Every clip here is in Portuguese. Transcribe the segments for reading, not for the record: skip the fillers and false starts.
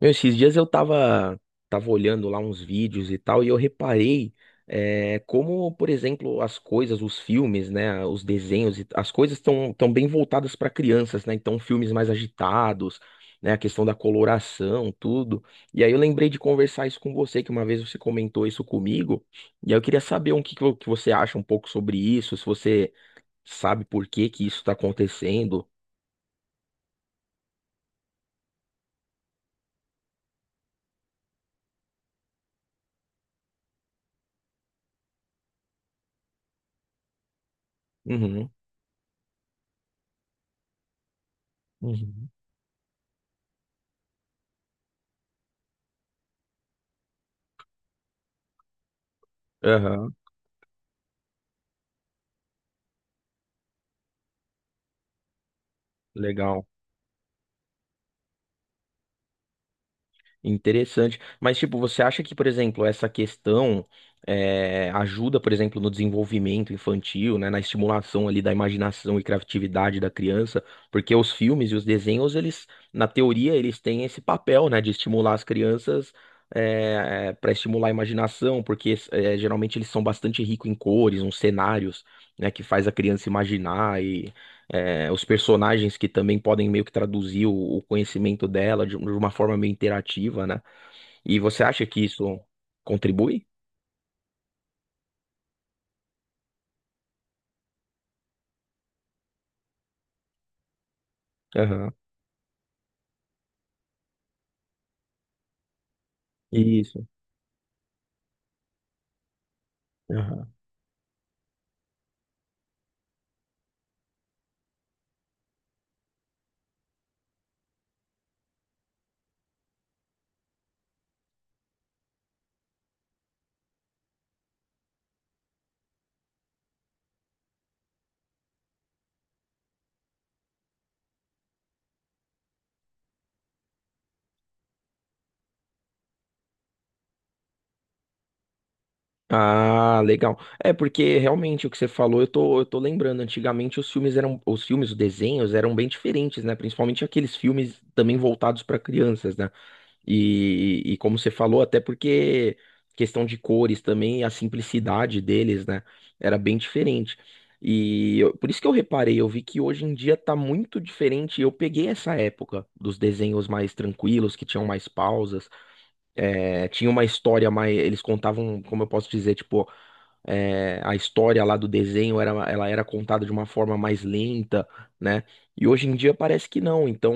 Meu, esses dias eu tava olhando lá uns vídeos e tal, e eu reparei como, por exemplo, as coisas, os filmes, né, os desenhos, as coisas estão tão tão bem voltadas para crianças, né? Então, filmes mais agitados, né, a questão da coloração, tudo. E aí eu lembrei de conversar isso com você, que uma vez você comentou isso comigo, e aí eu queria saber o que, que que você acha um pouco sobre isso, se você sabe por que que isso está acontecendo. Uhum. Uhum. Aham. Legal. Interessante. Mas, tipo, você acha que, por exemplo, essa questão ajuda, por exemplo, no desenvolvimento infantil, né, na estimulação ali da imaginação e criatividade da criança? Porque os filmes e os desenhos, eles, na teoria, eles têm esse papel, né, de estimular as crianças para estimular a imaginação, porque geralmente eles são bastante ricos em cores, uns cenários, né, que faz a criança imaginar os personagens que também podem meio que traduzir o conhecimento dela de, de uma forma meio interativa, né? E você acha que isso contribui? Aham. Isso. Aham. Ah, legal. É porque realmente o que você falou, eu tô lembrando, antigamente os filmes eram, os filmes, os desenhos eram bem diferentes, né? Principalmente aqueles filmes também voltados para crianças, né? E como você falou, até porque questão de cores também, a simplicidade deles, né? Era bem diferente. Por isso que eu reparei, eu vi que hoje em dia tá muito diferente. Eu peguei essa época dos desenhos mais tranquilos, que tinham mais pausas. É, tinha uma história mais. Eles contavam, como eu posso dizer, tipo, a história lá do desenho era, ela era contada de uma forma mais lenta, né? E hoje em dia parece que não. Então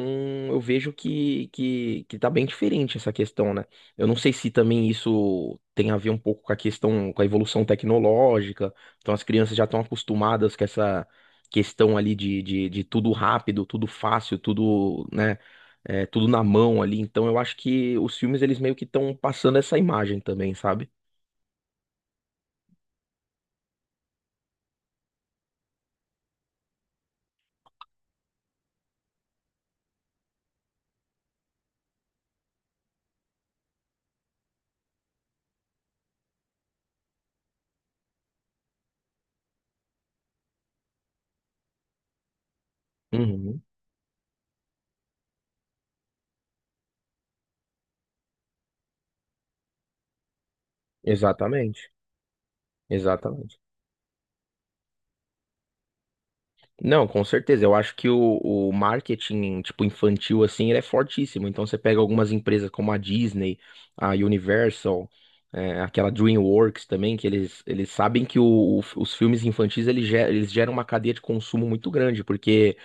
eu vejo que tá bem diferente essa questão, né? Eu não sei se também isso tem a ver um pouco com a questão, com a evolução tecnológica. Então as crianças já estão acostumadas com essa questão ali de tudo rápido, tudo fácil, tudo, né? Tudo na mão ali. Então eu acho que os filmes eles meio que estão passando essa imagem também, sabe? Uhum. Exatamente, exatamente. Não, com certeza. Eu acho que o marketing, tipo, infantil, assim, ele é fortíssimo. Então, você pega algumas empresas como a Disney, a Universal, aquela DreamWorks também, que eles sabem que os filmes infantis, eles geram uma cadeia de consumo muito grande, porque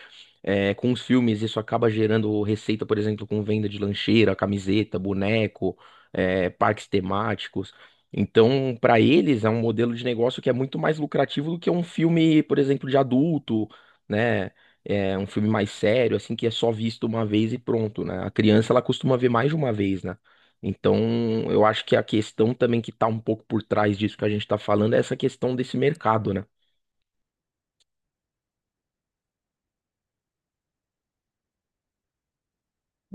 com os filmes, isso acaba gerando receita, por exemplo, com venda de lancheira, camiseta, boneco, parques temáticos. Então, para eles, é um modelo de negócio que é muito mais lucrativo do que um filme, por exemplo, de adulto, né? É um filme mais sério, assim, que é só visto uma vez e pronto, né? A criança, ela costuma ver mais de uma vez, né? Então, eu acho que a questão também que tá um pouco por trás disso que a gente tá falando é essa questão desse mercado, né?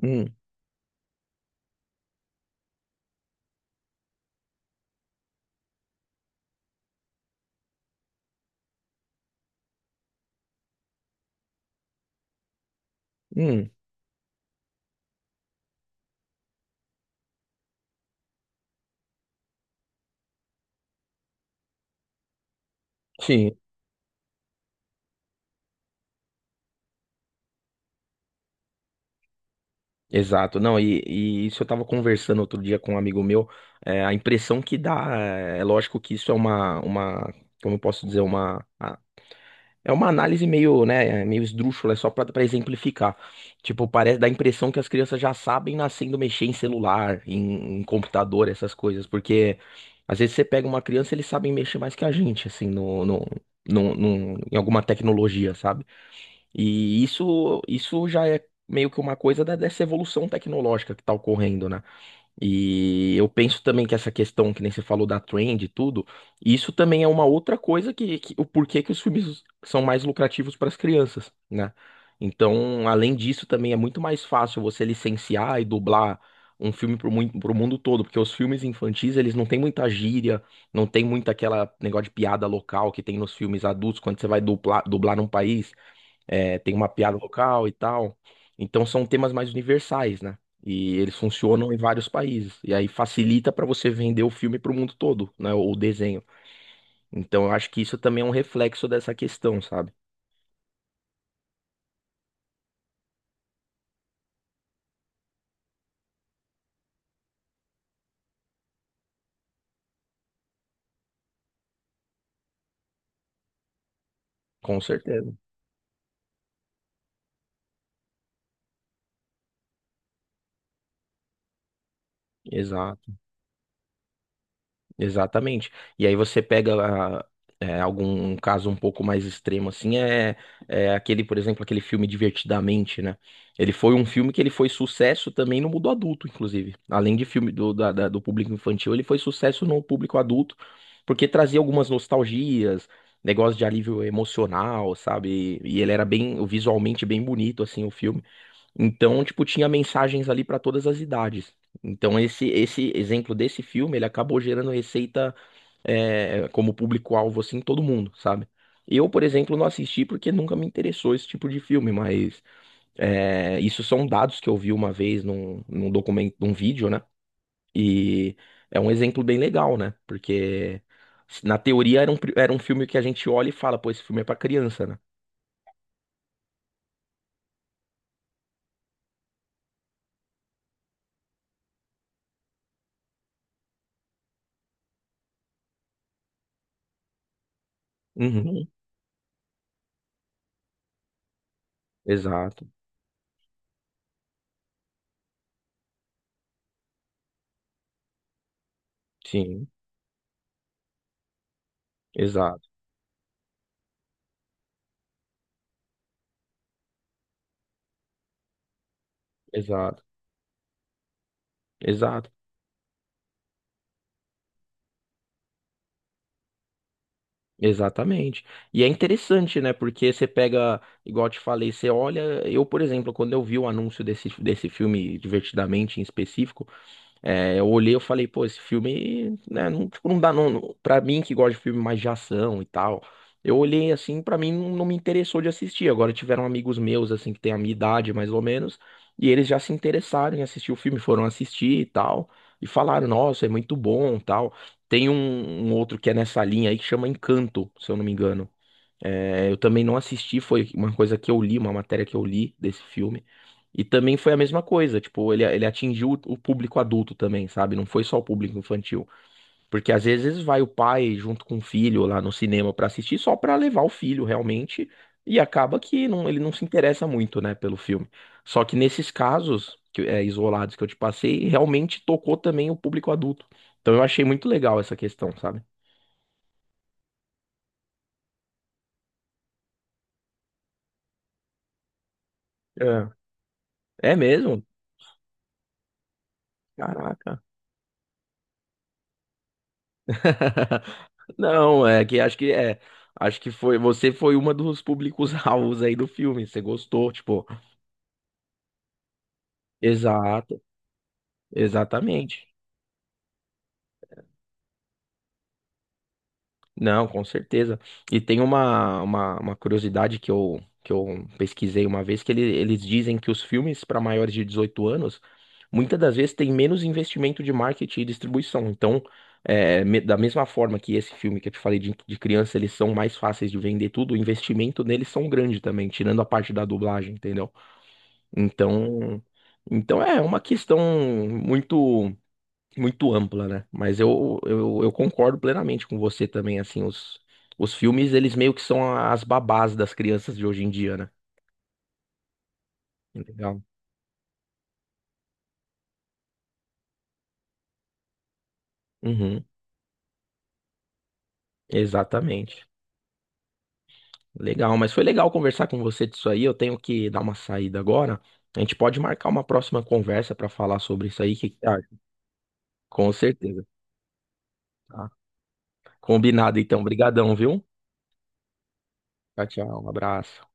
Hum, hum, sim. Exato. Não, e isso eu tava conversando outro dia com um amigo meu, a impressão que dá, é, é lógico que isso é uma, como eu posso dizer, uma, é uma análise meio, né, meio esdrúxula, é só pra exemplificar, tipo, parece, dá a impressão que as crianças já sabem nascendo mexer em celular, em computador, essas coisas, porque às vezes você pega uma criança, eles sabem mexer mais que a gente, assim, em alguma tecnologia, sabe? E isso já é meio que uma coisa dessa evolução tecnológica que está ocorrendo, né? E eu penso também que essa questão que nem você falou da trend e tudo, isso também é uma outra coisa o porquê que os filmes são mais lucrativos para as crianças, né? Então, além disso, também é muito mais fácil você licenciar e dublar um filme para o mundo todo, porque os filmes infantis, eles não têm muita gíria, não tem muito aquela negócio de piada local que tem nos filmes adultos, quando você vai dublar num país tem uma piada local e tal. Então são temas mais universais, né? E eles funcionam em vários países. E aí facilita para você vender o filme para o mundo todo, né? Ou o desenho. Então eu acho que isso também é um reflexo dessa questão, sabe? Com certeza. Exato. Exatamente. E aí você pega algum um caso um pouco mais extremo, assim, é aquele, por exemplo, aquele filme Divertidamente, né? Ele foi um filme que ele foi sucesso também no mundo adulto, inclusive. Além de filme do público infantil, ele foi sucesso no público adulto, porque trazia algumas nostalgias, negócio de alívio emocional, sabe? E ele era bem, visualmente bem bonito, assim, o filme. Então, tipo, tinha mensagens ali para todas as idades. Então, esse exemplo desse filme, ele acabou gerando receita como público-alvo, assim, todo mundo, sabe? Eu, por exemplo, não assisti porque nunca me interessou esse tipo de filme, mas isso são dados que eu vi uma vez num documento, num vídeo, né? E é um exemplo bem legal, né? Porque na teoria era um filme que a gente olha e fala, pô, esse filme é pra criança, né? Uhum. Exato, sim, exato, exato. Exato. Exatamente. E é interessante, né? Porque você pega, igual eu te falei, você olha. Eu, por exemplo, quando eu vi o anúncio desse filme, Divertidamente em específico, eu olhei, eu falei, pô, esse filme, né, não, tipo, não dá, pra mim que gosta de filme mais de ação e tal, eu olhei assim, pra mim não me interessou de assistir. Agora tiveram amigos meus, assim, que têm a minha idade, mais ou menos, e eles já se interessaram em assistir o filme, foram assistir e tal, e falaram, nossa, é muito bom, tal. Tem um outro que é nessa linha aí que chama Encanto, se eu não me engano. É, eu também não assisti, foi uma coisa que eu li, uma matéria que eu li desse filme. E também foi a mesma coisa, tipo, ele atingiu o público adulto também, sabe? Não foi só o público infantil. Porque às vezes vai o pai junto com o filho lá no cinema pra assistir só pra levar o filho realmente. E acaba que ele não se interessa muito, né, pelo filme. Só que nesses casos, que, é, isolados que eu te passei, realmente tocou também o público adulto. Então eu achei muito legal essa questão, sabe? É. É mesmo? Caraca. Não, é que acho que é. Acho que foi. Você foi uma dos públicos-alvos aí do filme. Você gostou, tipo. Exato, exatamente. Não, com certeza. E tem uma curiosidade que eu pesquisei uma vez, eles dizem que os filmes para maiores de 18 anos, muitas das vezes, têm menos investimento de marketing e distribuição. Então, da mesma forma que esse filme que eu te falei de criança, eles são mais fáceis de vender tudo, o investimento neles são grande também, tirando a parte da dublagem, entendeu? Então, é uma questão muito muito ampla, né? Mas eu concordo plenamente com você também, assim, os filmes, eles meio que são as babás das crianças de hoje em dia, né? Legal. Uhum, exatamente. Legal, mas foi legal conversar com você disso aí. Eu tenho que dar uma saída agora. A gente pode marcar uma próxima conversa para falar sobre isso aí, que você acha? Com certeza, tá? Combinado então. Obrigadão, viu? Tchau, tchau. Um abraço.